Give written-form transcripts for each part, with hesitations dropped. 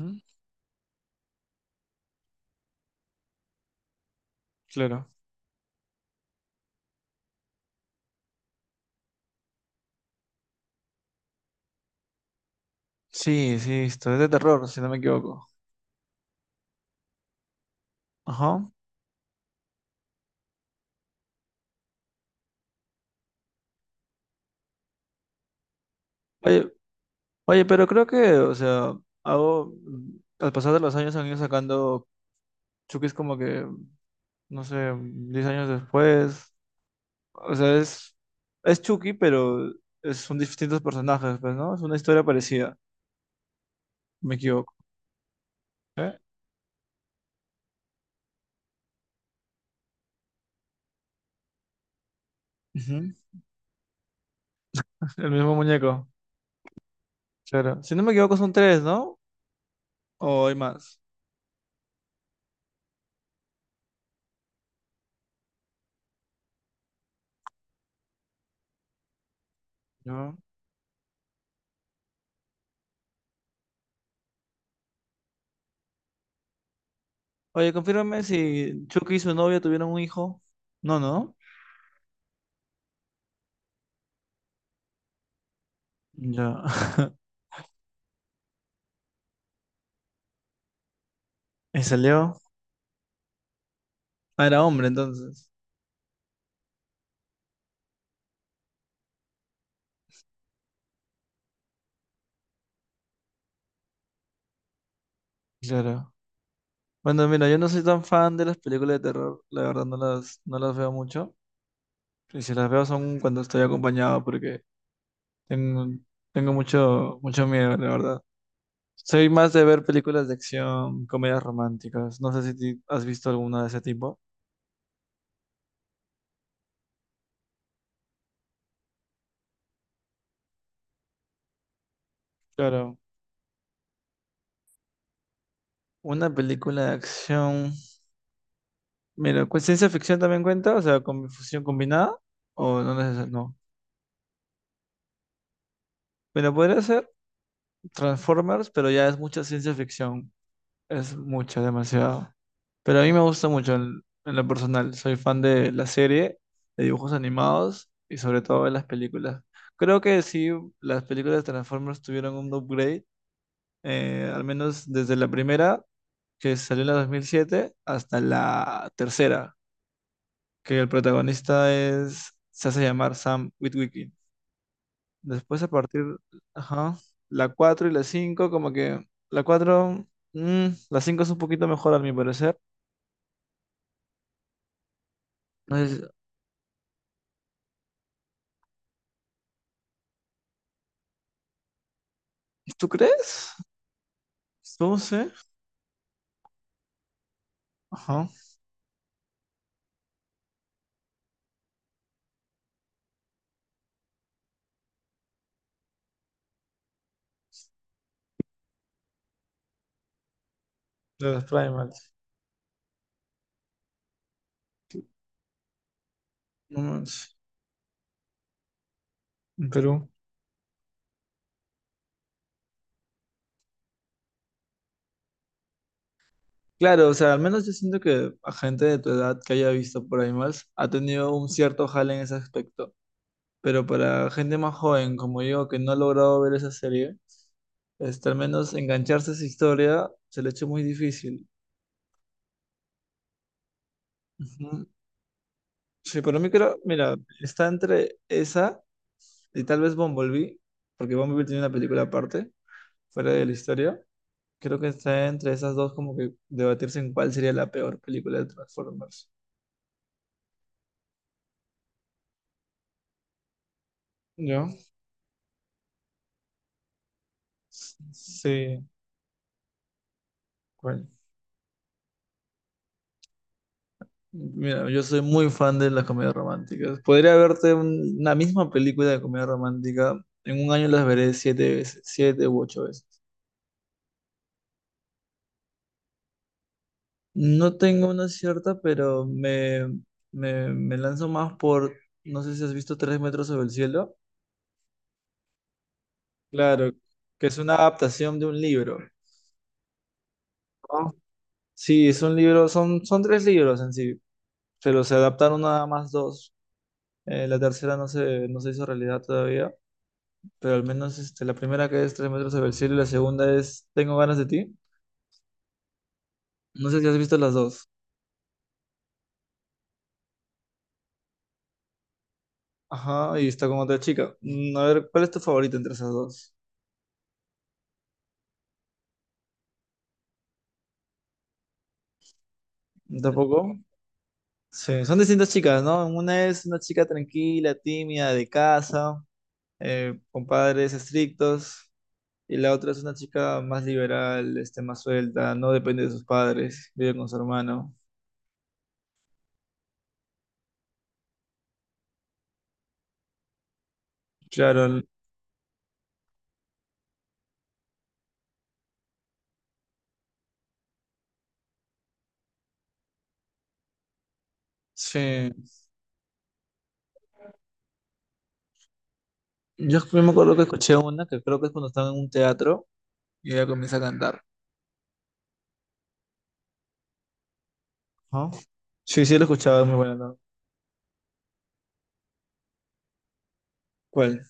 Mm. Claro. Sí, sí, esto es de terror, si no me equivoco. Ajá. Oye, oye, pero creo que, o sea, hago, al pasar de los años han ido sacando Chucky es como que, no sé, 10 años después. O sea, es Chucky, pero son distintos personajes, pues, ¿no? Es una historia parecida, si no me equivoco. ¿Eh? Ujú. El mismo muñeco, claro. Si no me equivoco son tres, ¿no? ¿O hay más? No. Oye, confírmame si Chucky y su novia tuvieron un hijo. No, no. Ya. ¿Y salió? Ah, era hombre entonces. Claro. Bueno, mira, yo no soy tan fan de las películas de terror, la verdad no las veo mucho. Y si las veo son cuando estoy acompañado porque tengo, tengo mucho, mucho miedo, la verdad. Soy más de ver películas de acción, comedias románticas. No sé si has visto alguna de ese tipo. Claro. Una película de acción. Mira, ¿ciencia ficción también cuenta? O sea, con fusión combinada. O no. Pero podría ser. Transformers, pero ya es mucha ciencia ficción. Es mucha, demasiado. Pero a mí me gusta mucho en lo personal. Soy fan de la serie, de dibujos animados y sobre todo de las películas. Creo que sí, las películas de Transformers tuvieron un upgrade, al menos desde la primera, que salió en la 2007, hasta la tercera, que el protagonista es, se hace llamar Sam Witwicky. Después a partir, ajá, la 4 y la 5 como que la 4 la 5 es un poquito mejor a mi parecer. No sé si- ¿Tú crees? No sé. Ajá, de los primals. No manches, en Perú. Claro, o sea, al menos yo siento que a gente de tu edad que haya visto primals ha tenido un cierto jale en ese aspecto. Pero para gente más joven como yo que no ha logrado ver esa serie, este, al menos engancharse a esa historia se le ha hecho muy difícil. Ujú. Sí, pero mí creo, mira, está entre esa y tal vez Bumblebee, porque Bumblebee tiene una película aparte, fuera de la historia. Creo que está entre esas dos como que debatirse en cuál sería la peor película de Transformers. ¿Yo? Sí, bueno. Mira, yo soy muy fan de las comedias románticas. Podría verte una misma película de comedia romántica, en un año las veré siete veces, siete u ocho veces. No tengo una cierta, pero me lanzo más por, no sé si has visto Tres metros sobre el cielo. Claro, que es una adaptación de un libro, ¿no? Sí, es un libro, son tres libros en sí, pero se adaptaron nada más dos. La tercera no se hizo realidad todavía, pero al menos este, la primera que es Tres metros sobre el cielo y la segunda es Tengo ganas de ti. No sé si has visto las dos. Ajá, y está con otra chica. Mm, a ver, ¿cuál es tu favorita entre esas dos? ¿Tampoco? Sí, son distintas chicas, ¿no? Una es una chica tranquila, tímida, de casa, con padres estrictos, y la otra es una chica más liberal, este, más suelta, no depende de sus padres, vive con su hermano. Claro, l- sí. Yo me acuerdo que escuché una que creo que es cuando estaba en un teatro y ella comienza a cantar, ¿no? Sí, sí, lo escuchaba, es muy buena, ¿no? ¿Cuál?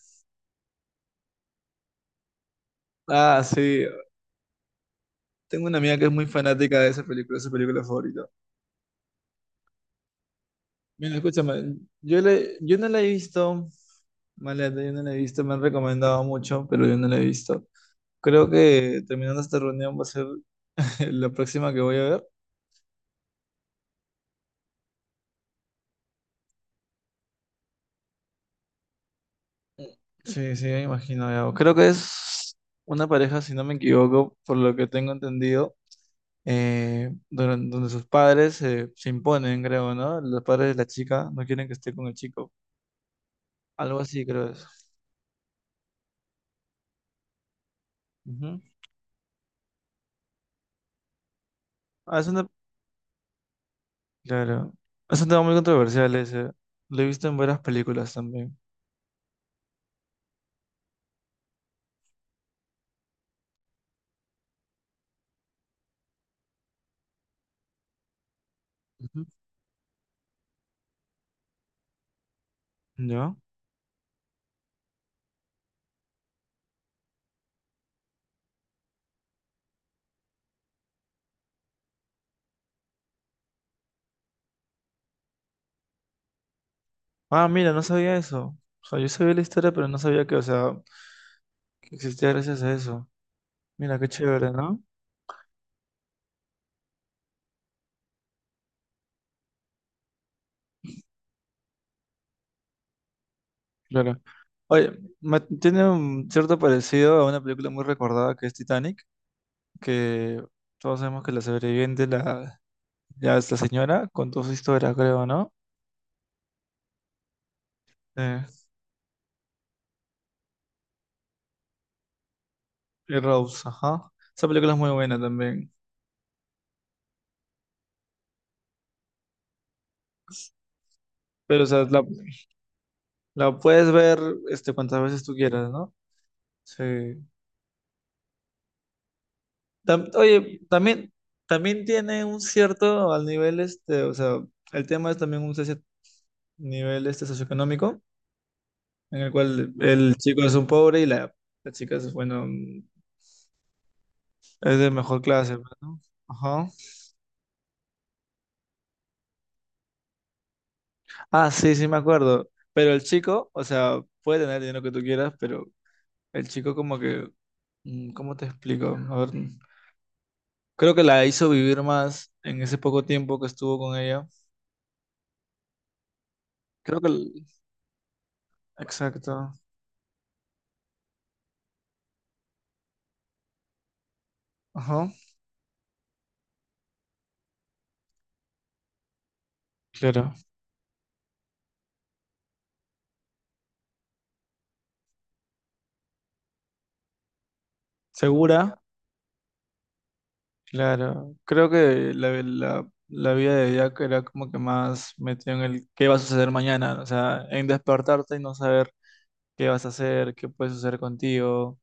Ah, sí. Tengo una amiga que es muy fanática de esa película, es su película favorita. Mira, escúchame, yo no la he visto. Maleta, yo no la he visto, me han recomendado mucho, pero yo no la he visto. Creo que terminando esta reunión va a ser la próxima que voy a ver. Sí, sí, me imagino, ya. Creo que es una pareja, si no me equivoco, por lo que tengo entendido, sus padres se imponen, creo, ¿no? Los padres de la chica no quieren que esté con el chico. Algo así, creo es. Ujú. Ah, es una- claro. Es un tema muy controversial ese. Lo he visto en varias películas también. Ujú. ¿Ya? Ah, mira, no sabía eso. O sea, yo sabía la historia, pero no sabía que, o sea, que existía gracias a eso. Mira, qué chévere, ¿no? Claro. Oye, tiene un cierto parecido a una película muy recordada que es Titanic, que todos sabemos que ya es la señora, contó su historia, creo, ¿no? Eh, y Rose, ajá. Esa película es muy buena también. Pero, o sea, la puedes ver este, cuantas veces tú quieras, ¿no? Sí. Oye, también tiene un cierto al nivel este, o sea, el tema es también un cierto nivel este socioeconómico, en el cual el chico es un pobre y la chica es, bueno, mm, es de mejor clase, pues, ¿no? Ajá. Ah, sí, sí me acuerdo. Pero el chico, o sea, puede tener el dinero que tú quieras, pero el chico como que, mm, ¿cómo te explico? A ver, mm, creo que la hizo vivir más en ese poco tiempo que estuvo con ella. Creo que, el- exacto. Ajá. Claro. Segura, claro. Creo que la vida de Jack era como que más metido en el qué va a suceder mañana, o sea, en despertarte y no saber qué vas a hacer, qué puede suceder contigo.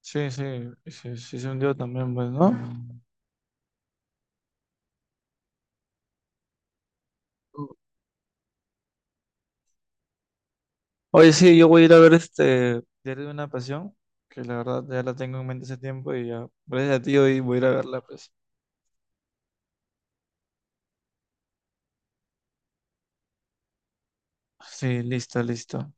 Sí, sí, sí se hundió también, pues, ¿no? Mm. Oye, sí, yo voy a ir a ver este Diario de una Pasión, que la verdad ya la tengo en mente hace tiempo y ya, gracias a ti hoy voy a ir a verla, pues. Sí, listo, listo.